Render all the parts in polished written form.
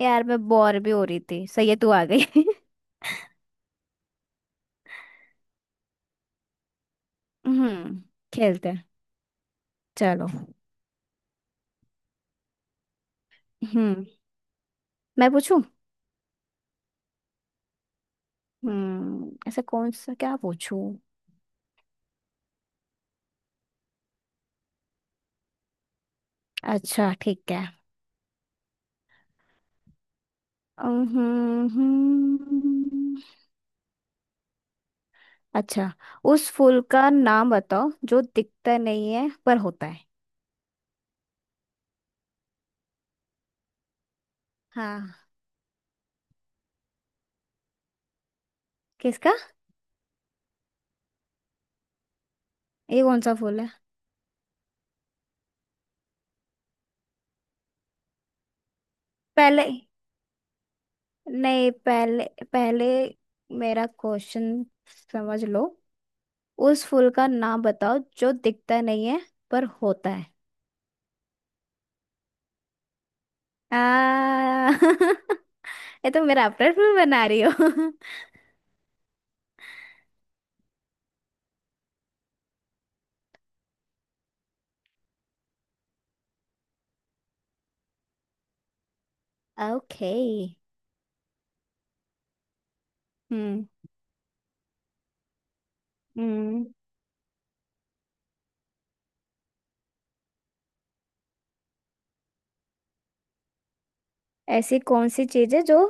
यार, मैं बोर भी हो रही थी। सही है, तू आ गई। हम्म। खेलते हैं। चलो। हम्म, मैं पूछूं? हम्म, ऐसा कौन सा, क्या पूछूं? अच्छा, ठीक है। हम्म। हम्म। अच्छा। उस फूल का नाम बताओ जो दिखता नहीं है पर होता है। हाँ। किसका? ये कौन सा फूल है? पहले, नहीं पहले, पहले मेरा क्वेश्चन समझ लो। उस फूल का नाम बताओ जो दिखता नहीं है पर होता है। आ! ये तो मेरा अपना फिल्म बना रही हो। ओके। हम्म। हम्म, ऐसी कौन सी चीज है जो,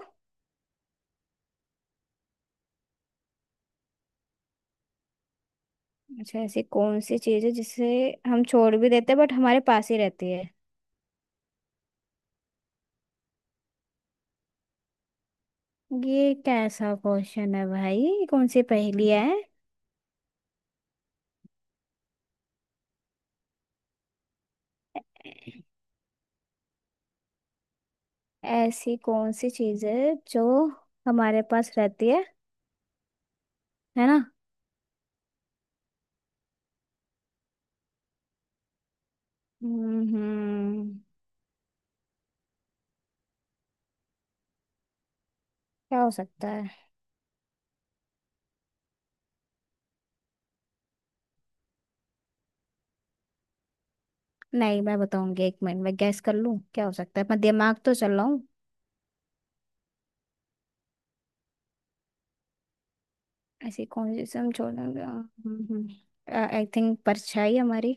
अच्छा ऐसी कौन सी चीज है जिसे हम छोड़ भी देते हैं बट हमारे पास ही रहती है। ये कैसा क्वेश्चन है भाई? ये कौन सी पहेली है? ऐसी कौन सी चीज है जो हमारे पास रहती है। है ना। हम्म। क्या हो सकता है? नहीं, मैं बताऊंगी। एक मिनट में गैस कर लूं क्या हो सकता है, अपना दिमाग तो चलाऊं। ऐसी कौन सी, समझौता। आई थिंक परछाई हमारी।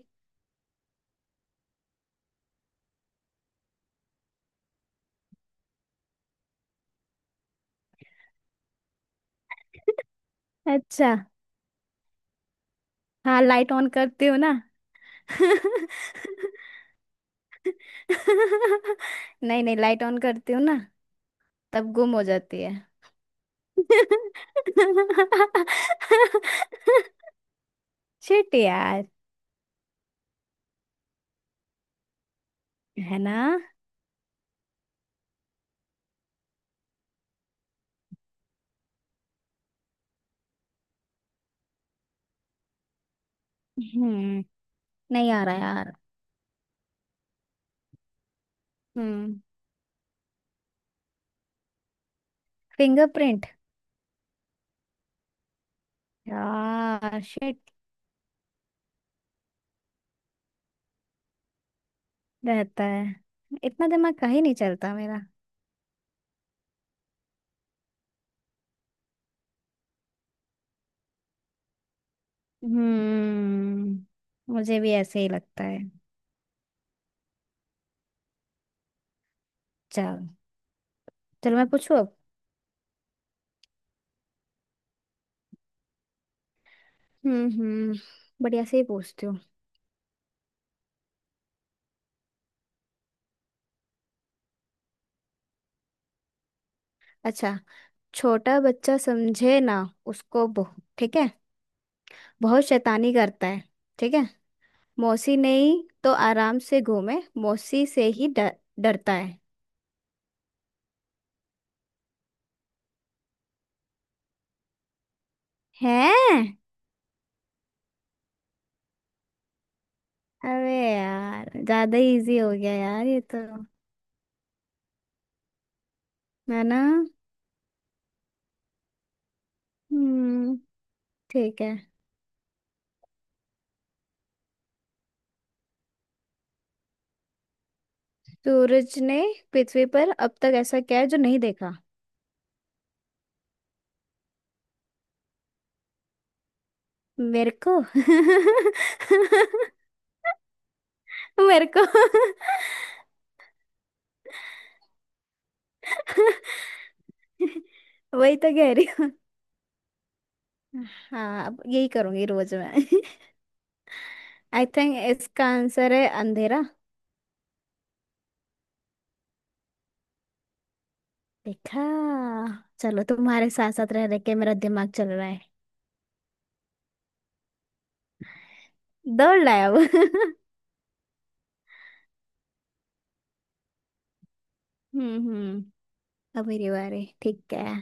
अच्छा। हाँ, लाइट ऑन करते हो ना। नहीं नहीं, लाइट ऑन करते हो ना, तब गुम हो जाती है। शिट यार। है ना। हम्म, नहीं आ रहा यार। हम्म। फिंगरप्रिंट। यार, शिट। रहता है। इतना दिमाग का ही नहीं चलता मेरा। हम्म, मुझे भी ऐसे ही लगता है। चल। चलो, मैं पूछू अब। हम्म। हम्म, बढ़िया से ही पूछती हूँ। अच्छा, छोटा बच्चा समझे ना, उसको बहु, ठीक है। बहुत शैतानी करता है, ठीक है। मौसी नहीं तो आराम से घूमे। मौसी से ही डर, डरता है। हैं? अबे यार, ज्यादा इजी हो गया यार ये तो। है ना। हम्म, ठीक है। सूरज ने पृथ्वी पर अब तक ऐसा क्या है जो नहीं देखा? मेरे को! मेरे को! वही तो कह रही हूँ। हाँ, अब यही करूंगी रोज मैं। आई थिंक इसका आंसर है अंधेरा। देखा? चलो, तुम्हारे साथ साथ रह रह के मेरा दिमाग चल रहा है। दौड़ लाया अब। हम्म। हम्म, अब मेरी बारी, ठीक है। हम्म।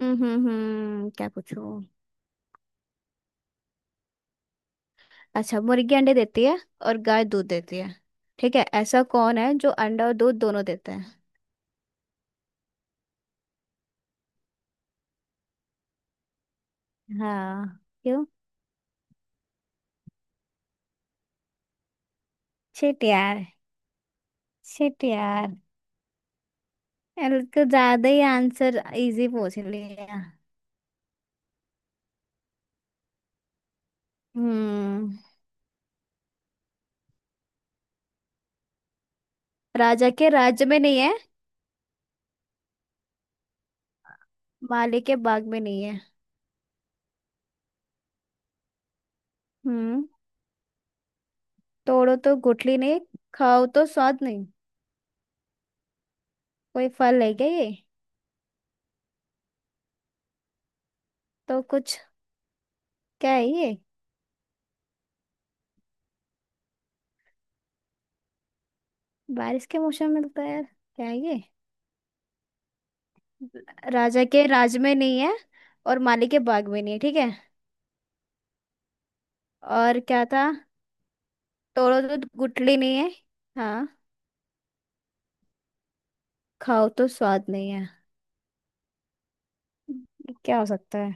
हम्म। क्या पूछूं? अच्छा, मुर्गी अंडे देती है और गाय दूध देती है। ठीक है, ऐसा कौन है जो अंडा और दूध दोनों देता है? हाँ। क्यों? छिट यार। छिट यार। एल का ज्यादा ही आंसर इजी पूछ लिया। हम्म। राजा के राज्य में नहीं है, माली के बाग में नहीं है। हम्म। तोड़ो तो गुठली नहीं, खाओ तो स्वाद नहीं। कोई फल है क्या ये? तो कुछ, क्या है ये? बारिश के मौसम में मिलता है यार? क्या है ये? राजा के राज में नहीं है और माली के बाग में नहीं है, ठीक है। और क्या था? तोड़ो तो गुठली नहीं है। हाँ, खाओ तो स्वाद नहीं है। क्या हो सकता है?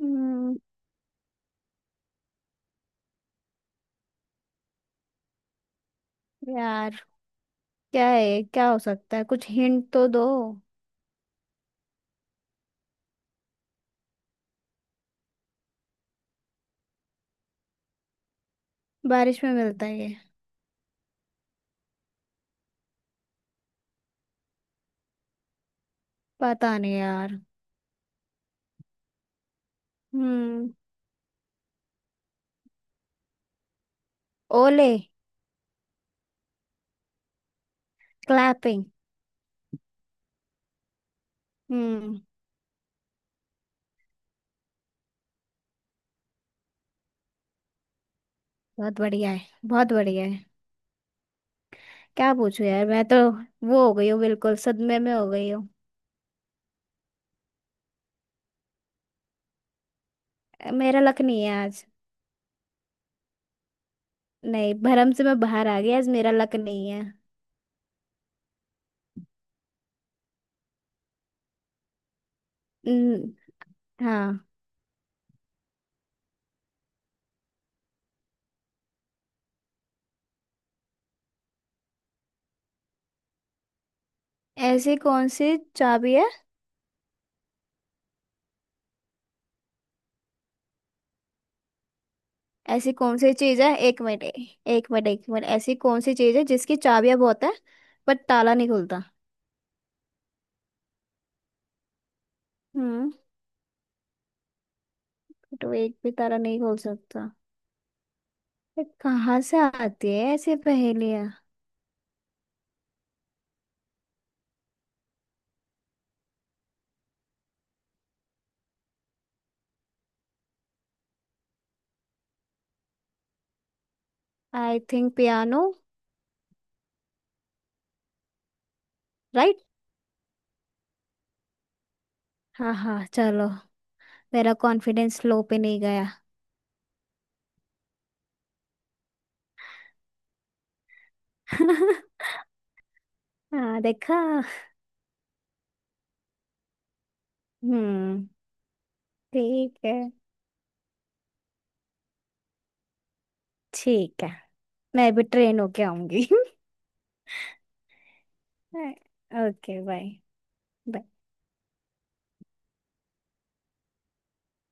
हम्म, यार, क्या है, क्या हो सकता है? कुछ हिंट तो दो। बारिश में मिलता है ये? पता नहीं यार। हम्म। ओले? क्लैपिंग। हम्म, बहुत बढ़िया है, बहुत बढ़िया है। क्या पूछूं यार, मैं तो वो हो गई हूँ, बिल्कुल सदमे में हो गई हूँ। मेरा लक नहीं है आज। नहीं, भरम से मैं बाहर आ गई। आज मेरा लक नहीं है। न, हाँ। ऐसी कौन सी चाबी है? ऐसी कौन सी चीज है, एक मिनट, एक मिनट, एक मिनट, ऐसी कौन सी चीज है जिसकी चाबियां बहुत है पर ताला नहीं खुलता? हम्म। तो एक भी तारा नहीं बोल सकता। ये कहाँ से आती है ऐसी पहेलियाँ? I think piano. राइट। हाँ हाँ, चलो। मेरा कॉन्फिडेंस लो पे नहीं गया। हाँ, देखा? हम्म, ठीक है, ठीक है। मैं भी ट्रेन होके आऊंगी। Okay, bye.